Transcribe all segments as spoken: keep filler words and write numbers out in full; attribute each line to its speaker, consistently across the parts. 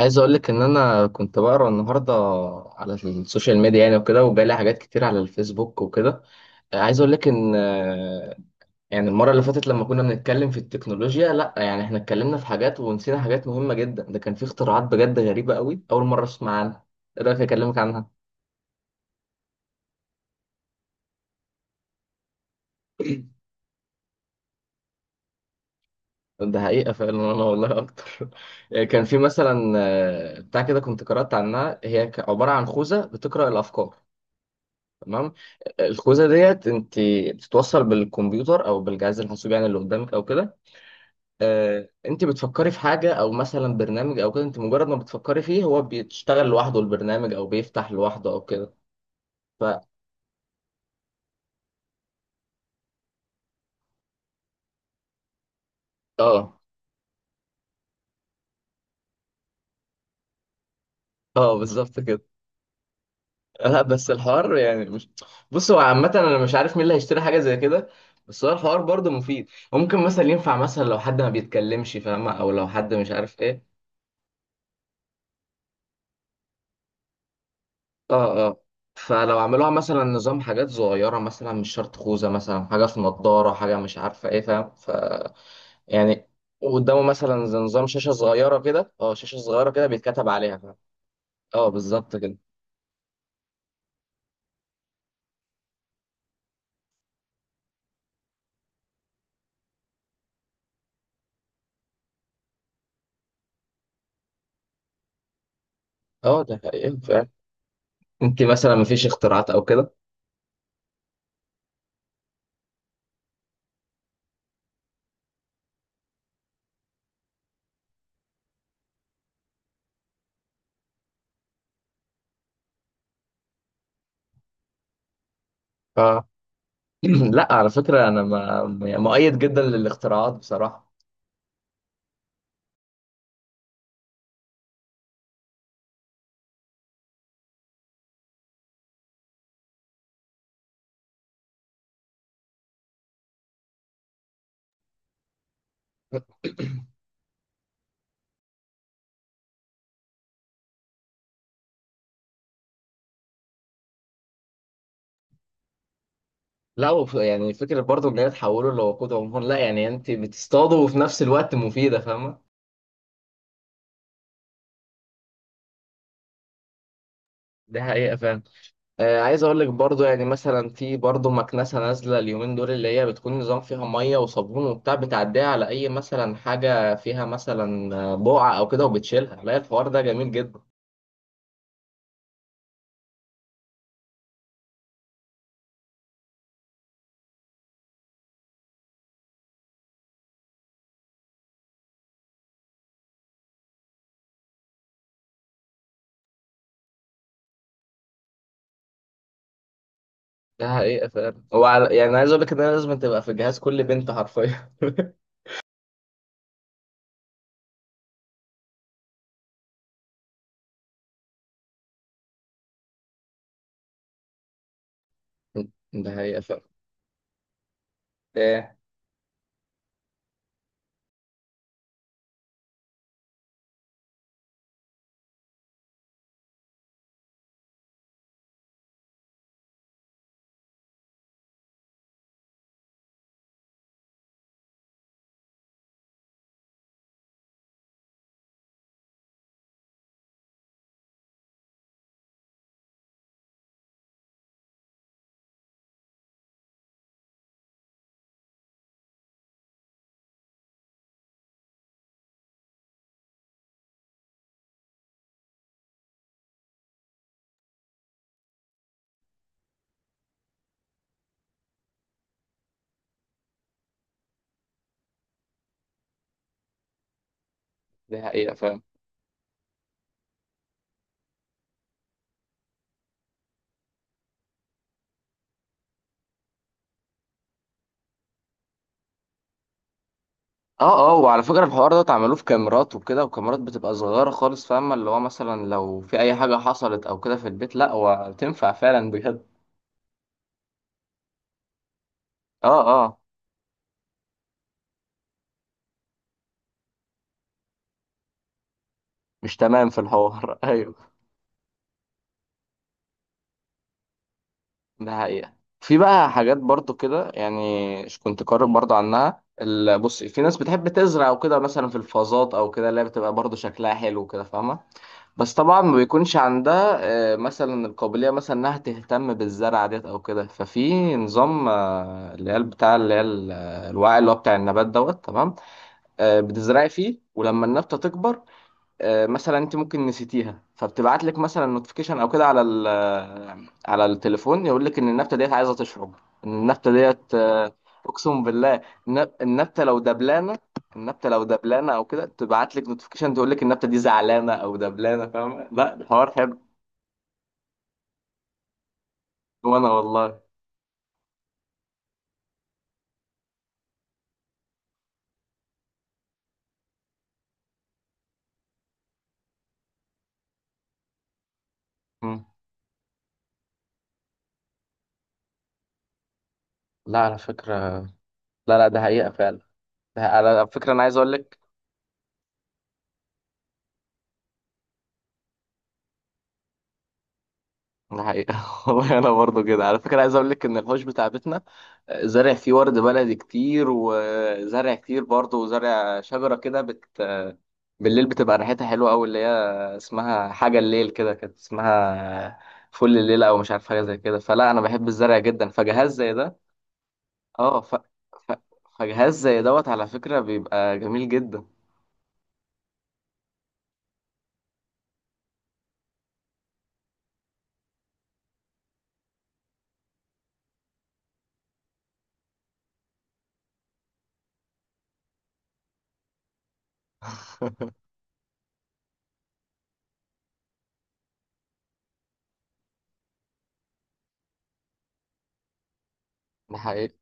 Speaker 1: عايز اقول لك ان انا كنت بقرا النهارده على السوشيال ميديا، يعني وكده، وجالي حاجات كتير على الفيسبوك وكده. عايز اقول لك ان آه، يعني المره اللي فاتت لما كنا بنتكلم في التكنولوجيا، لا يعني احنا اتكلمنا في حاجات ونسينا حاجات مهمه جدا. ده كان في اختراعات بجد غريبه قوي، اول مره اسمع عنها. ايه رايك اكلمك عنها؟ ده حقيقه فعلا، انا والله اكتر. كان في مثلا آه، بتاع كده، كنت قرات عنها، هي ك- عباره عن خوذه بتقرا الافكار، تمام. الخوذه ديت انت بتتوصل بالكمبيوتر او بالجهاز الحاسوب، يعني اللي قدامك او كده. آه، انت بتفكري في حاجه او مثلا برنامج او كده، انت مجرد ما بتفكري فيه هو بيشتغل لوحده البرنامج، او بيفتح لوحده او كده. ف اه اه، بالظبط كده. لا بس الحوار يعني مش، بص هو عامه انا مش عارف مين اللي هيشتري حاجه زي كده. بس هو الحوار برضه مفيد، ممكن مثلا ينفع مثلا لو حد ما بيتكلمش فاهمه، او لو حد مش عارف ايه. اه اه، فلو عملوها مثلا نظام حاجات صغيرة، مثلا مش شرط خوذة، مثلا حاجة في نضارة، حاجة مش عارفة ايه، فاهم؟ ف يعني قدامه مثلا زي نظام شاشة صغيرة كده، اه، شاشة صغيرة كده بيتكتب عليها، فاهم؟ اه بالظبط كده. اه ده حقيقي فعلا. انت مثلا مفيش اختراعات او كده؟ اه. لا على فكرة، انا ما- مؤيد جدا للاختراعات بصراحة. لا، وف... يعني فكرة برضو ان هي تحوله لوقود عموما، لا يعني انت بتصطاده وفي نفس الوقت مفيدة، فاهمة. دي حقيقة فعلا. آه، عايز اقول لك برضو يعني مثلا في برضو مكنسه نازله اليومين دول، اللي هي بتكون نظام فيها ميه وصابون، وبتاع بتعديها على اي مثلا حاجه فيها مثلا آه، بقعه او كده وبتشيلها. لا الحوار ده جميل جدا. ده حقيقه فعلا. هو على- يعني عايز اقول لك ان انا لازم تبقى في جهاز كل بنت حرفيا. ده حقيقه فعلا. ايه؟ ده حقيقه فعلا. اه اه، وعلى فكره الحوار ده اتعملوه في كاميرات وكده، وكاميرات بتبقى صغيره خالص، فاهمه؟ اللي هو مثلا لو في اي حاجه حصلت او كده في البيت. لا وتنفع فعلا بجد. اه آه. مش تمام في الحوار. ايوه، ده حقيقة. في بقى حاجات برضو كده، يعني ش- كنت قارئ برضو عنها، ال- بص في ناس بتحب تزرع وكده مثلا في الفازات او كده، اللي هي بتبقى برضو شكلها حلو وكده، فاهمة؟ بس طبعا ما بيكونش عندها آه، مثلا القابلية مثلا انها تهتم بالزرع ديت او كده. ففي نظام آه، اللي هي بتاع اللي هي ال- الوعي اللي هو بتاع النبات دوت، تمام. آه، بتزرعي فيه ولما النبتة تكبر، آه، مثلا انت ممكن نسيتيها فبتبعت لك مثلا نوتيفيكيشن او كده على ال- آه، على التليفون، يقول لك ان النبته ديت عايزه تشرب. ان النبته ديت آه، اقسم بالله. النب- النبته لو دبلانه، النبته لو دبلانه او كده تبعت لك نوتيفيكيشن تقول لك النبته دي زعلانه او دبلانه، فاهمه؟ لا الحوار حلو. وانا والله، مم. لا على فكره، لا لا، ده حقيقه فعلا. ده على فكره انا عايز اقول لك. ده حقيقة. والله أنا برضو كده على فكرة عايز أقول لك إن الحوش بتاع بيتنا آه، زارع فيه ورد بلدي كتير، وزارع كتير برضو، وزارع شجرة كده، بت... بالليل بتبقى ريحتها حلوة أوي، اللي هي اسمها حاجة الليل كده كانت اسمها، فل الليل، أو مش عارف حاجة زي كده. فلا أنا بحب الزرع جدا، فجهاز زي ده، أه، ف... ف... فجهاز زي دوت على فكرة بيبقى جميل جدا. ده حقيقة.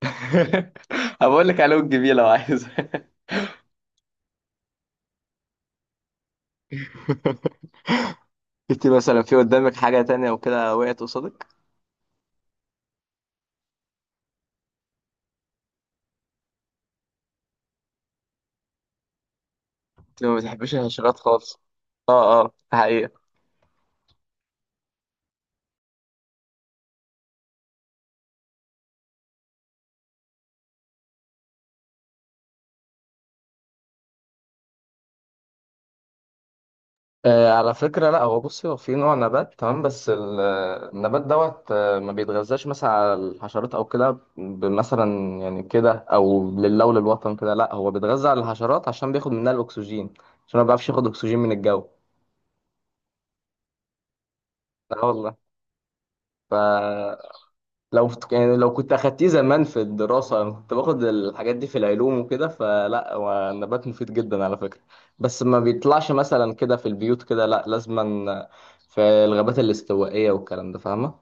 Speaker 1: هبقول لك عليه الجميل لو عايز. شفتي مثلا في قدامك حاجة تانية وكده وقعت قصادك؟ لو ما بتحبيش الحشرات خالص، اه اه، ده حقيقة. آه على فكرة، لا هو بصي، هو في نوع نبات، تمام، بس ال- النبات دوت آه، ما بيتغذاش مثلا على الحشرات او كده، ب- مثلا يعني كده، او لله وللوطن كده. لا هو بيتغذى على الحشرات عشان بياخد منها الاكسجين، عشان ما بيعرفش ياخد اكسجين من الجو. لا والله. ف لو يعني لو كنت اخدتيه زمان في الدراسه، انا كنت باخد الحاجات دي في العلوم وكده. فلا هو النبات مفيد جدا على فكره، بس ما بيطلعش مثلا كده في البيوت كده، لا لازما في الغابات الاستوائيه والكلام ده، فاهمه؟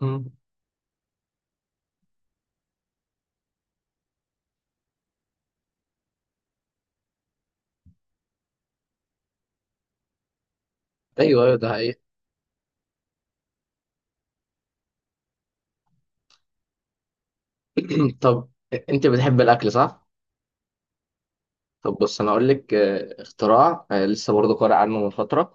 Speaker 1: مم. ايوه ايوه، ده حقيقي. طب انت بتحب الاكل صح؟ طب بص انا اقول لك آه، اختراع، آه، لسه برضه قارئ عنه من فتره.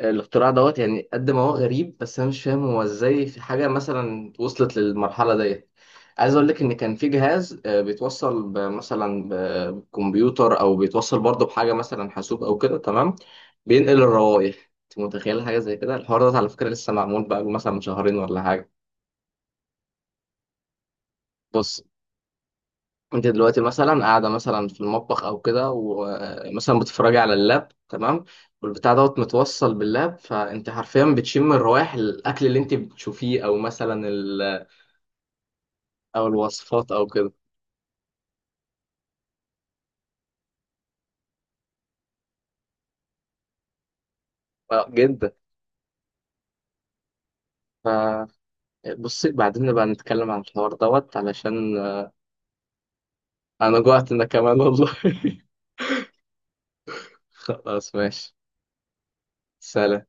Speaker 1: آه، الاختراع دوت يعني قد ما هو غريب، بس انا مش فاهم هو ازاي في حاجه مثلا وصلت للمرحله ديت. عايز اقول لك ان كان في جهاز آه، بيتوصل ب- مثلا ب- بكمبيوتر او بيتوصل برضه بحاجه مثلا حاسوب او كده، تمام. بينقل الروائح، انت متخيل حاجه زي كده؟ الحوار ده على فكره لسه معمول بقى مثلا من شهرين ولا حاجه. بص انت دلوقتي مثلا قاعده مثلا في المطبخ او كده، ومثلا بتتفرجي على اللاب، تمام. والبتاع دوت متوصل باللاب، فانت حرفيا بتشم الروائح الاكل اللي انت بتشوفيه، او مثلا ال... او الوصفات او كده. اه، جدا. فبصي بعدين نبقى نتكلم عن الحوار دوت، علشان انا جوعت انا كمان والله. خلاص ماشي، سلام.